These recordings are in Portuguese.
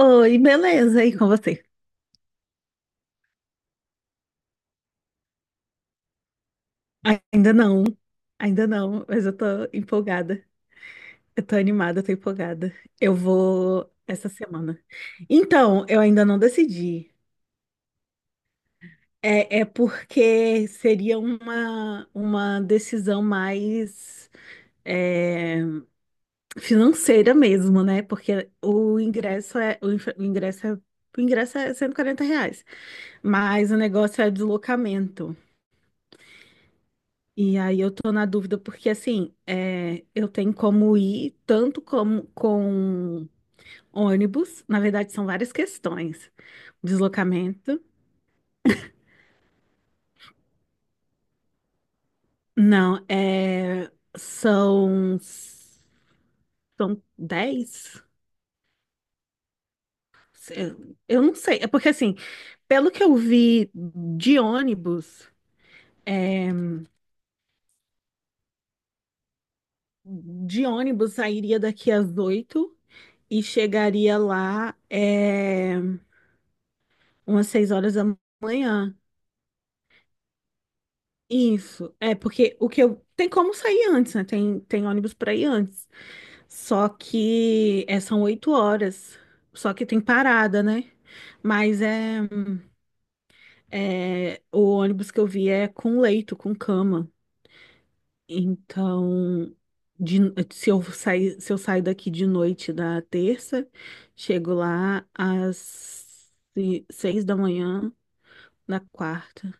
Oi, beleza? E com você? Ainda não, ainda não, mas eu tô empolgada. Eu tô animada, eu tô empolgada. Eu vou essa semana. Então, eu ainda não decidi. É porque seria uma decisão mais é, financeira mesmo, né? Porque o ingresso é o, o ingresso é R$ 140, mas o negócio é deslocamento. E aí eu tô na dúvida porque assim, é, eu tenho como ir tanto como com ônibus, na verdade são várias questões. Deslocamento, não, é, são 10. Eu não sei, é porque assim, pelo que eu vi de ônibus, é, de ônibus sairia daqui às 8 e chegaria lá umas 6 horas da manhã. Isso, é porque o que eu. Tem como sair antes, né? Tem, tem ônibus para ir antes. Só que é, são 8 horas. Só que tem parada, né? Mas é, é. O ônibus que eu vi é com leito, com cama. Então, de- se eu sair, se eu saio daqui de noite da terça, chego lá às 6 da manhã na quarta,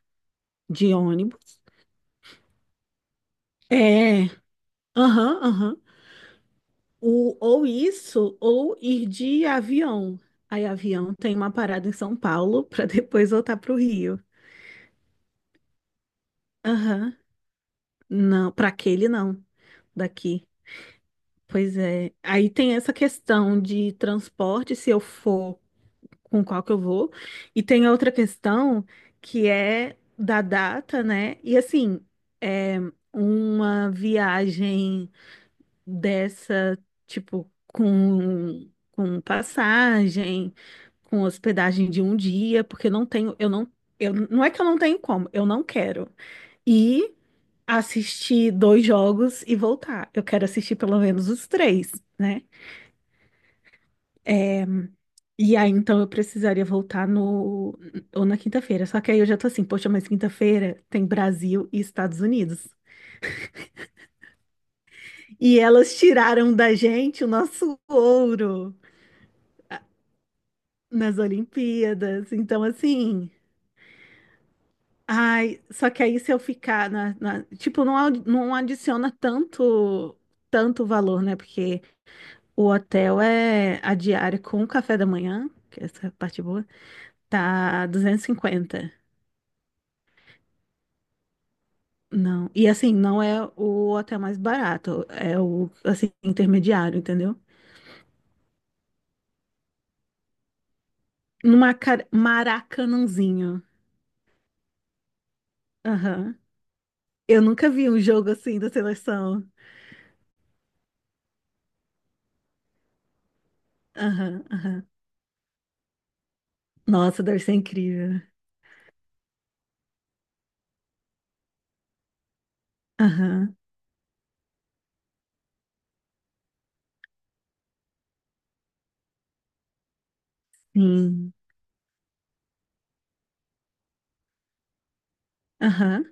de ônibus. É, aham, aham. Ou isso, ou ir de avião. Aí, avião tem uma parada em São Paulo para depois voltar para o Rio. Aham. Não, para aquele não, daqui. Pois é. Aí tem essa questão de transporte, se eu for com qual que eu vou. E tem a outra questão que é da data, né? E assim, é uma viagem. Dessa, tipo, com passagem, com hospedagem de um dia, porque eu não tenho, eu, não é que eu não tenho como, eu não quero. E assistir dois jogos e voltar. Eu quero assistir pelo menos os três, né? E aí, então, eu precisaria voltar no, ou na quinta-feira. Só que aí eu já tô assim, poxa, mas quinta-feira tem Brasil e Estados Unidos. E elas tiraram da gente o nosso ouro nas Olimpíadas. Então, assim, ai, só que aí se eu ficar na, tipo, não, não adiciona tanto, tanto valor, né? Porque o hotel é a diária com o café da manhã, que essa é a parte boa, tá 250. Não. E assim, não é o hotel mais barato, é o assim, intermediário, entendeu? No Maracanãzinho. Aham. Eu nunca vi um jogo assim da seleção. Aham, aham. Nossa, deve ser incrível. Aham, sim. Aham.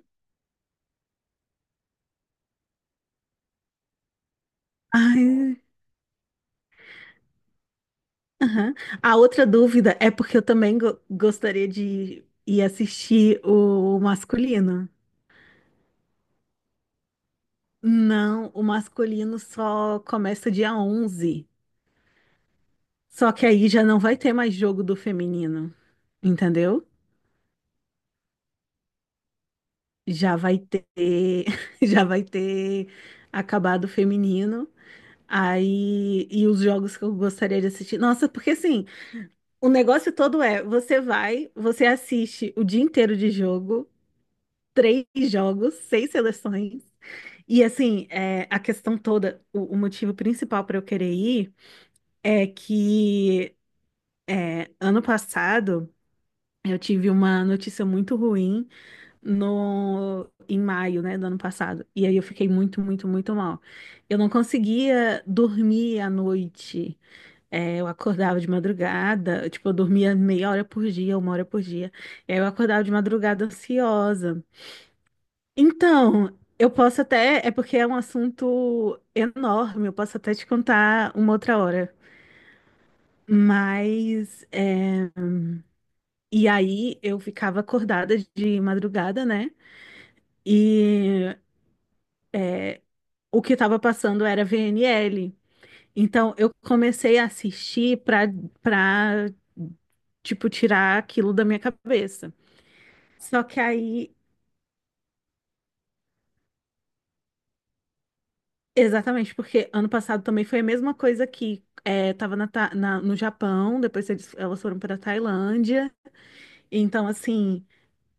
Ai, aham. A outra dúvida é porque eu também gostaria de ir assistir o masculino. Não, o masculino só começa dia 11. Só que aí já não vai ter mais jogo do feminino, entendeu? Já vai ter, já vai ter acabado o feminino. Aí, e os jogos que eu gostaria de assistir. Nossa, porque assim, o negócio todo é, você vai, você assiste o dia inteiro de jogo, três jogos, seis seleções. E assim, é, a questão toda, o motivo principal para eu querer ir é que é, ano passado eu tive uma notícia muito ruim no, em maio, né, do ano passado. E aí eu fiquei muito, muito, muito mal. Eu não conseguia dormir à noite. É, eu acordava de madrugada, tipo, eu dormia meia hora por dia, uma hora por dia. E aí eu acordava de madrugada ansiosa. Então, eu posso até, é porque é um assunto enorme, eu posso até te contar uma outra hora. Mas, é, e aí eu ficava acordada de madrugada, né? E o que estava passando era VNL. Então, eu comecei a assistir para, tipo, tirar aquilo da minha cabeça. Só que aí, exatamente, porque ano passado também foi a mesma coisa que é, tava na, no Japão, depois eles, elas foram para Tailândia, então assim,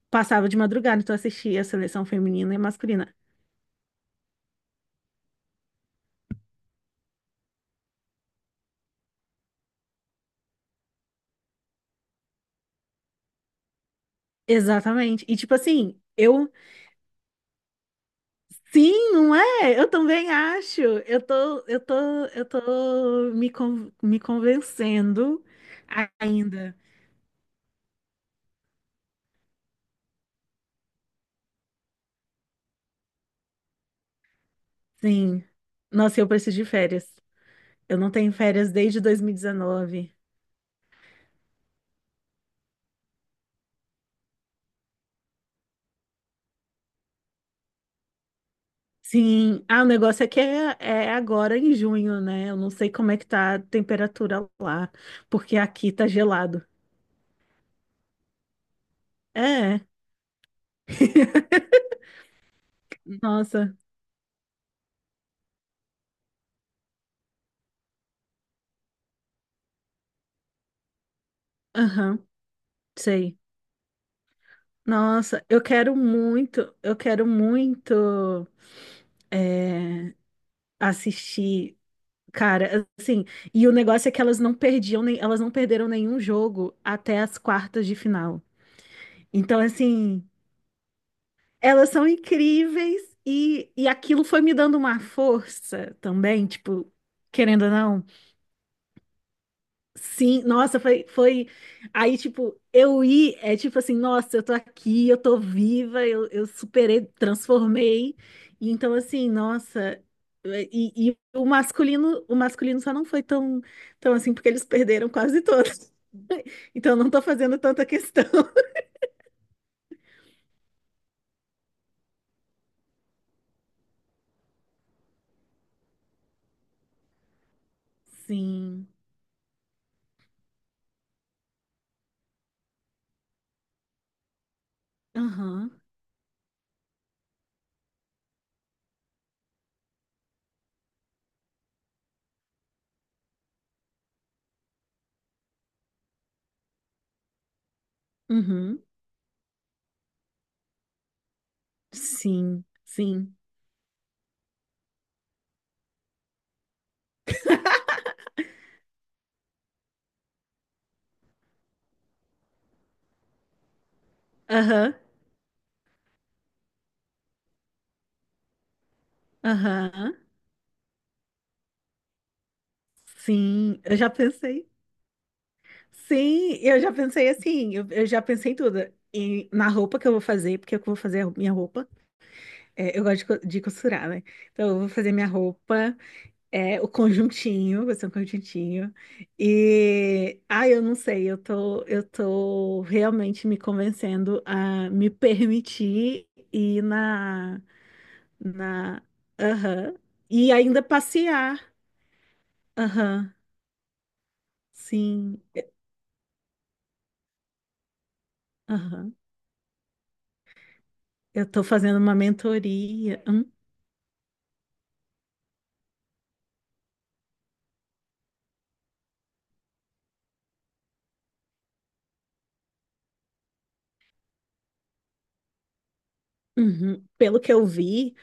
passava de madrugada, então eu assistia a seleção feminina e masculina. Exatamente. E tipo assim, eu sim, não é? Eu também acho. Eu tô, eu tô, eu tô me, me convencendo ainda. Sim. Nossa, eu preciso de férias. Eu não tenho férias desde 2019. Sim, ah, o negócio é que é, é agora em junho, né? Eu não sei como é que tá a temperatura lá, porque aqui tá gelado. É. Nossa, aham, sei. Nossa, eu quero muito é, assistir, cara, assim, e o negócio é que elas não perdiam, nem, elas não perderam nenhum jogo até as quartas de final. Então, assim, elas são incríveis e aquilo foi me dando uma força também, tipo, querendo ou não. Sim, nossa, foi, foi. Aí, tipo, eu ir, é tipo assim, nossa, eu tô aqui, eu tô viva, eu superei, transformei. E então, assim, nossa. E o masculino só não foi tão, tão assim, porque eles perderam quase todos. Então, eu não tô fazendo tanta questão. Sim. Aham. Uhum. Sim, sim. Aham, aham. Sim, eu já pensei. Sim, eu já pensei assim, eu já pensei em tudo. E na roupa que eu vou fazer, porque eu vou fazer a minha roupa. É, eu gosto de costurar, né? Então eu vou fazer minha roupa, é, o conjuntinho, vai ser um conjuntinho. E ah, eu não sei, eu tô realmente me convencendo a me permitir ir na, na, aham, e ainda passear. Aham, sim. Aham. Eu estou fazendo uma mentoria. Uhum. Pelo que eu vi,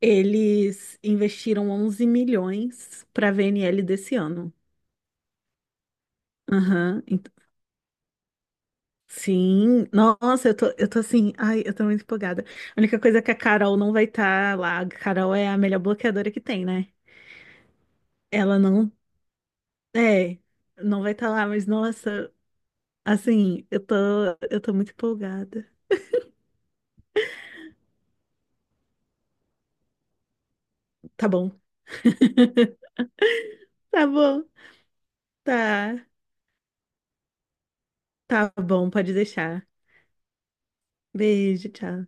eles investiram 11 milhões para a VNL desse ano. Aham, ent- Sim, nossa, eu tô assim, ai, eu tô muito empolgada. A única coisa é que a Carol não vai estar lá. A Carol é a melhor bloqueadora que tem, né? Ela não, é, não vai estar lá, mas nossa, assim, eu tô muito empolgada. Tá bom. Tá bom, tá, tá bom, pode deixar. Beijo, tchau.